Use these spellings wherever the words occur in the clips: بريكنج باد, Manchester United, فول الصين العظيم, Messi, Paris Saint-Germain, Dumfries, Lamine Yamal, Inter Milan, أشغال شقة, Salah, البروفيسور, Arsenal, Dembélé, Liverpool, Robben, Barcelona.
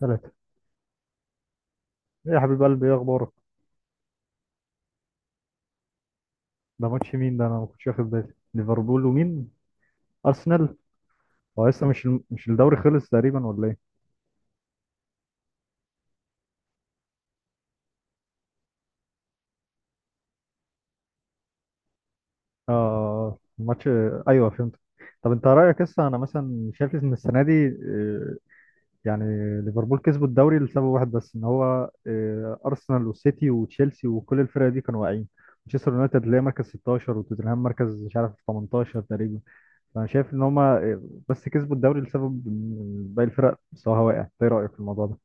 ثلاثة. ايه يا حبيب قلبي، ايه اخبارك؟ ده ماتش مين ده، انا ما كنتش واخد بالي. ليفربول ومين؟ ارسنال. هو لسه مش الدوري خلص تقريبا ولا ايه؟ اه، ماتش. ايوه فهمت. طب انت رايك، لسه انا مثلا شايف ان السنه دي، يعني ليفربول كسبوا الدوري لسبب واحد بس، ان هو ارسنال والسيتي وتشيلسي وكل الفرق دي كانوا واقعين. مانشستر يونايتد اللي هي مركز 16، وتوتنهام مركز مش عارف 18 تقريبا. فانا شايف ان هما، بس كسبوا الدوري لسبب إن باقي الفرق مستواها واقع. إنت ايه رايك في الموضوع ده؟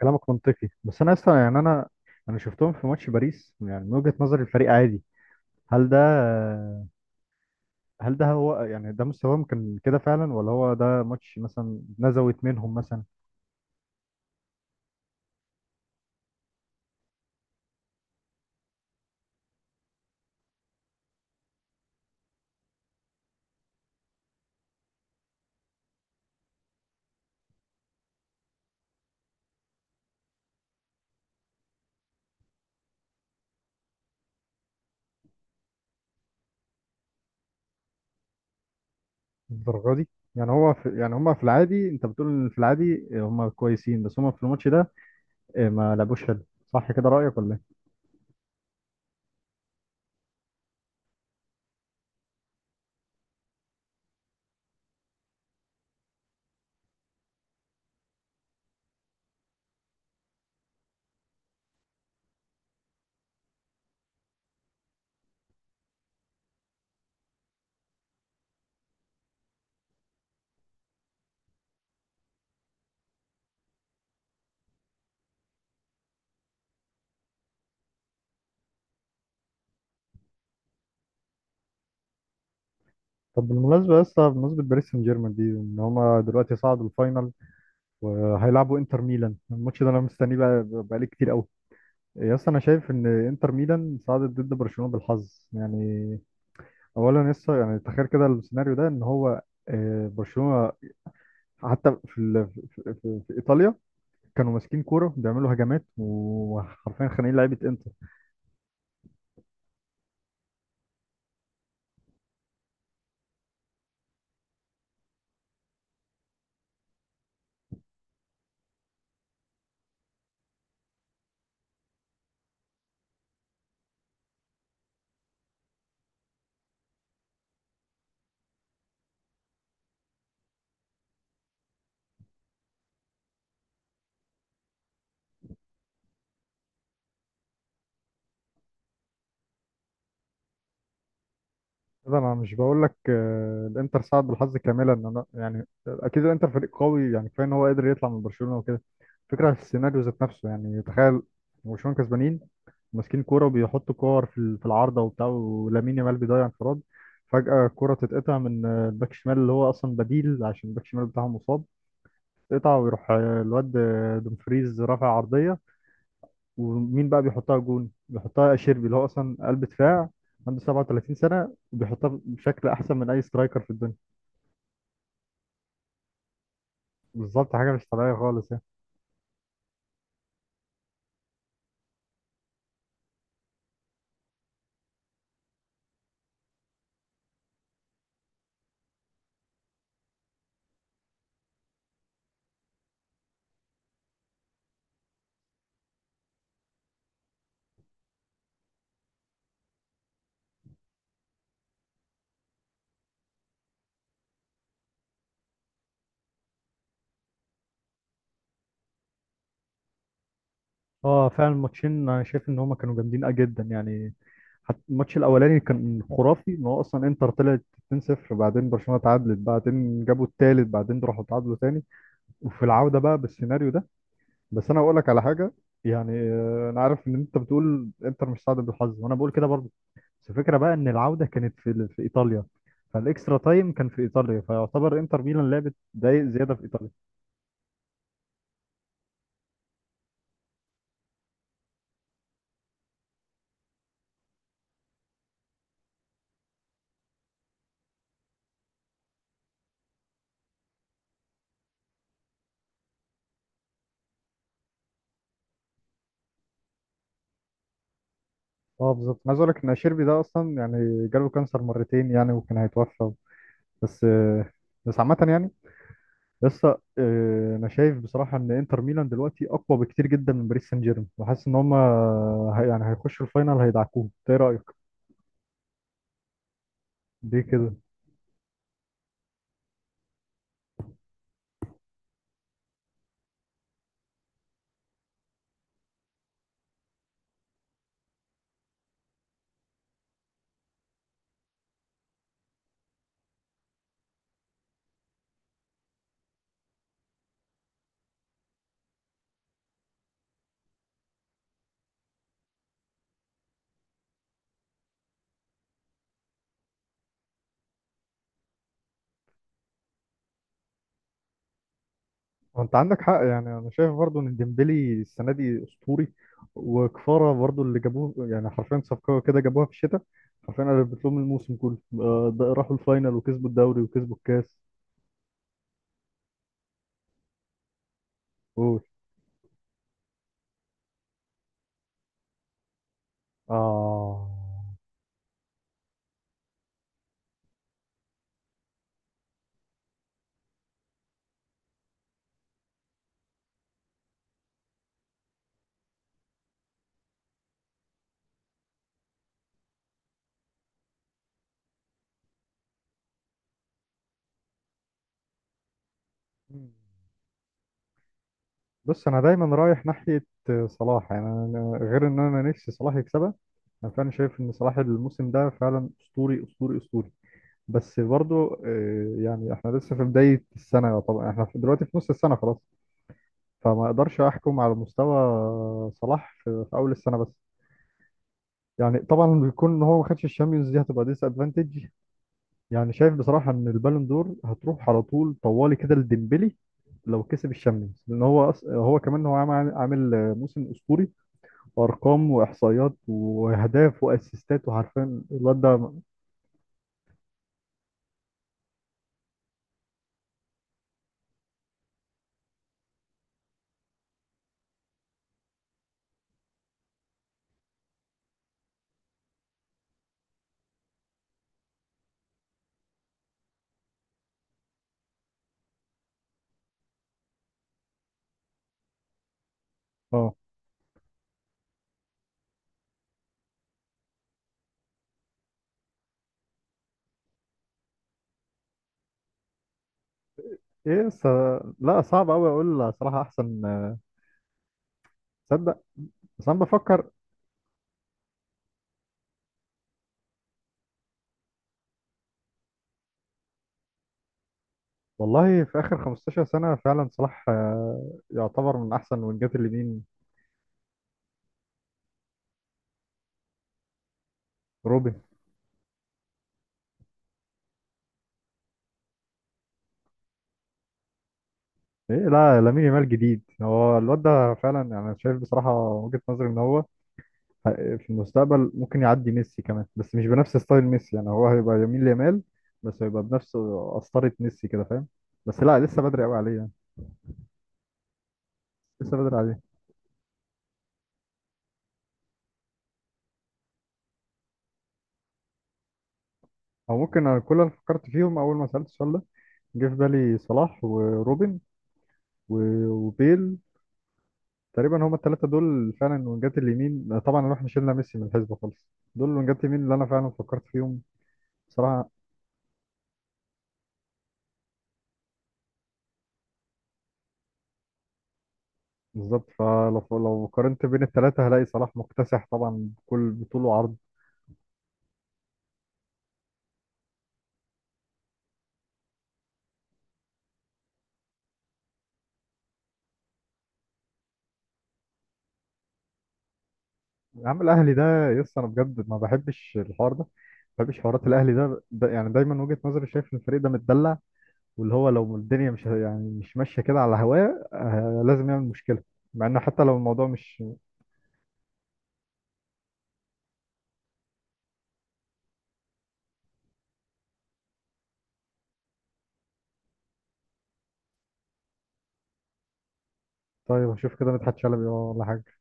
كلامك منطقي. بس انا اصلا يعني انا شفتهم في ماتش باريس، يعني من وجهة نظر الفريق عادي. هل ده هل ده هو، يعني ده مستواهم كان كده فعلا، ولا هو ده ماتش مثلا نزوت منهم مثلا؟ الدرجة دي، يعني هو في، يعني هم في العادي، انت بتقول إن في العادي هم كويسين، بس هم في الماتش ده إيه، ما لعبوش حلو. صح كده رأيك ولا ايه؟ طب بالمناسبة يا اسطى، بمناسبة باريس سان جيرمان دي، ان هم دلوقتي صعدوا الفاينل وهيلعبوا انتر ميلان. الماتش ده انا مستنيه بقى بقالي كتير قوي. يا اسطى، انا شايف ان انتر ميلان صعدت ضد برشلونه بالحظ يعني. اولا لسه يعني، تخيل كده السيناريو ده ان هو، برشلونه حتى في ال... في... في... في ايطاليا كانوا ماسكين كوره بيعملوا هجمات، وحرفيا خانقين لعيبه انتر. ده انا مش بقول لك الانتر صعد بالحظ كاملا. ان انا يعني اكيد الانتر فريق قوي يعني، كفايه ان هو قدر يطلع من برشلونه وكده. فكره في السيناريو ذات نفسه يعني، تخيل برشلونه كسبانين ماسكين كوره وبيحطوا كور في العارضه وبتاع، ولامين يامال بيضيع انفراد. فجاه الكوره تتقطع من، الباك الشمال اللي هو اصلا بديل عشان الباك الشمال بتاعهم مصاب. تتقطع ويروح، الواد، دومفريز رافع عرضيه. ومين بقى بيحطها؟ جون. بيحطها شيربي اللي هو اصلا قلب دفاع عنده 37 سنة، وبيحطها بشكل احسن من اي سترايكر في الدنيا. بالظبط، حاجة مش طبيعية خالص يعني. اه، فعلا الماتشين انا شايف ان هما كانوا جامدين جدا يعني. حتى الماتش الاولاني كان خرافي، ان هو اصلا انتر طلعت 2-0، بعدين برشلونة تعادلت، بعدين جابوا التالت، بعدين راحوا تعادلوا تاني. وفي العودة بقى بالسيناريو ده. بس انا اقول لك على حاجة، يعني انا عارف ان انت بتقول انتر مش سعد بالحظ، وانا بقول كده برضه. بس الفكرة بقى إن العودة كانت في إيطاليا، فالإكسترا تايم كان في إيطاليا، فيعتبر إنتر ميلان لعبت دقايق زيادة في إيطاليا. اه بالظبط. أنا عايز اقول لك ان شيربي ده اصلا يعني جاله كانسر مرتين يعني، وكان هيتوفى. بس بس عامة يعني، لسه، أنا شايف بصراحة إن إنتر ميلان دلوقتي أقوى بكتير جدا من باريس سان جيرمان، وحاسس إن هما يعني هيخشوا الفاينال هيدعكوهم. إنت إيه رأيك؟ دي كده. وانت عندك حق يعني. انا شايف برضو ان ديمبلي السنه دي اسطوري، وكفاره برضو اللي جابوه، يعني حرفيا صفقه كده جابوها في الشتاء، حرفيا قلبت لهم الموسم كله. ده راحوا الفاينل وكسبوا الدوري وكسبوا الكاس. قول. اه بص، انا دايما رايح ناحيه صلاح. يعني أنا غير ان انا نفسي صلاح يكسبها، انا فعلا شايف ان صلاح الموسم ده فعلا اسطوري اسطوري اسطوري. بس برضو، يعني احنا لسه في بدايه السنه، طبعا احنا دلوقتي في نص السنه خلاص. فما اقدرش احكم على مستوى صلاح في اول السنه بس. يعني طبعا بيكون ان هو ما خدش الشامبيونز، دي هتبقى ديس ادفانتج. يعني شايف بصراحه ان البالون دور هتروح على طول طوالي كده لديمبلي لو كسب الشامبيونز، لان هو كمان هو عامل موسم اسطوري، وارقام واحصائيات واهداف واسيستات وعارفين الواد ده. اه. ايه، لا، صعب قوي اقول صراحه احسن. تصدق؟ بس انا بفكر. والله في آخر 15 سنة فعلا صلاح، يعتبر من أحسن وينجات اليمين. روبن. إيه، لا لامين يامال جديد، هو الواد ده فعلا يعني. أنا شايف بصراحة وجهة نظري إن هو في المستقبل ممكن يعدي ميسي كمان، بس مش بنفس ستايل ميسي. يعني هو هيبقى يمين ليامال، بس هيبقى بنفس قسطرة ميسي كده فاهم. بس لا لسه بدري قوي عليه يعني. لسه بدري عليه. أو ممكن، أنا كل اللي فكرت فيهم أول ما سألت السؤال ده جه في بالي صلاح وروبن وبيل. تقريبا هما الثلاثه دول فعلا وينجات اليمين، طبعا احنا شلنا ميسي من الحسبه خالص. دول وينجات اليمين اللي انا فعلا فكرت فيهم. بصراحه بالظبط، فلو قارنت بين الثلاثه هلاقي صلاح مكتسح طبعا بكل بطول وعرض. يا عم الاهلي ده يس، انا بجد ما بحبش الحوار ده. ما بحبش حوارات الاهلي، ده يعني دايما وجهه نظري شايف ان الفريق ده متدلع. واللي هو لو الدنيا مش يعني مش ماشيه كده على هواه، لازم يعمل مشكله. مع انه حتى لو الموضوع مش. طيب هشوف كده مدحت شلبي ولا حاجه.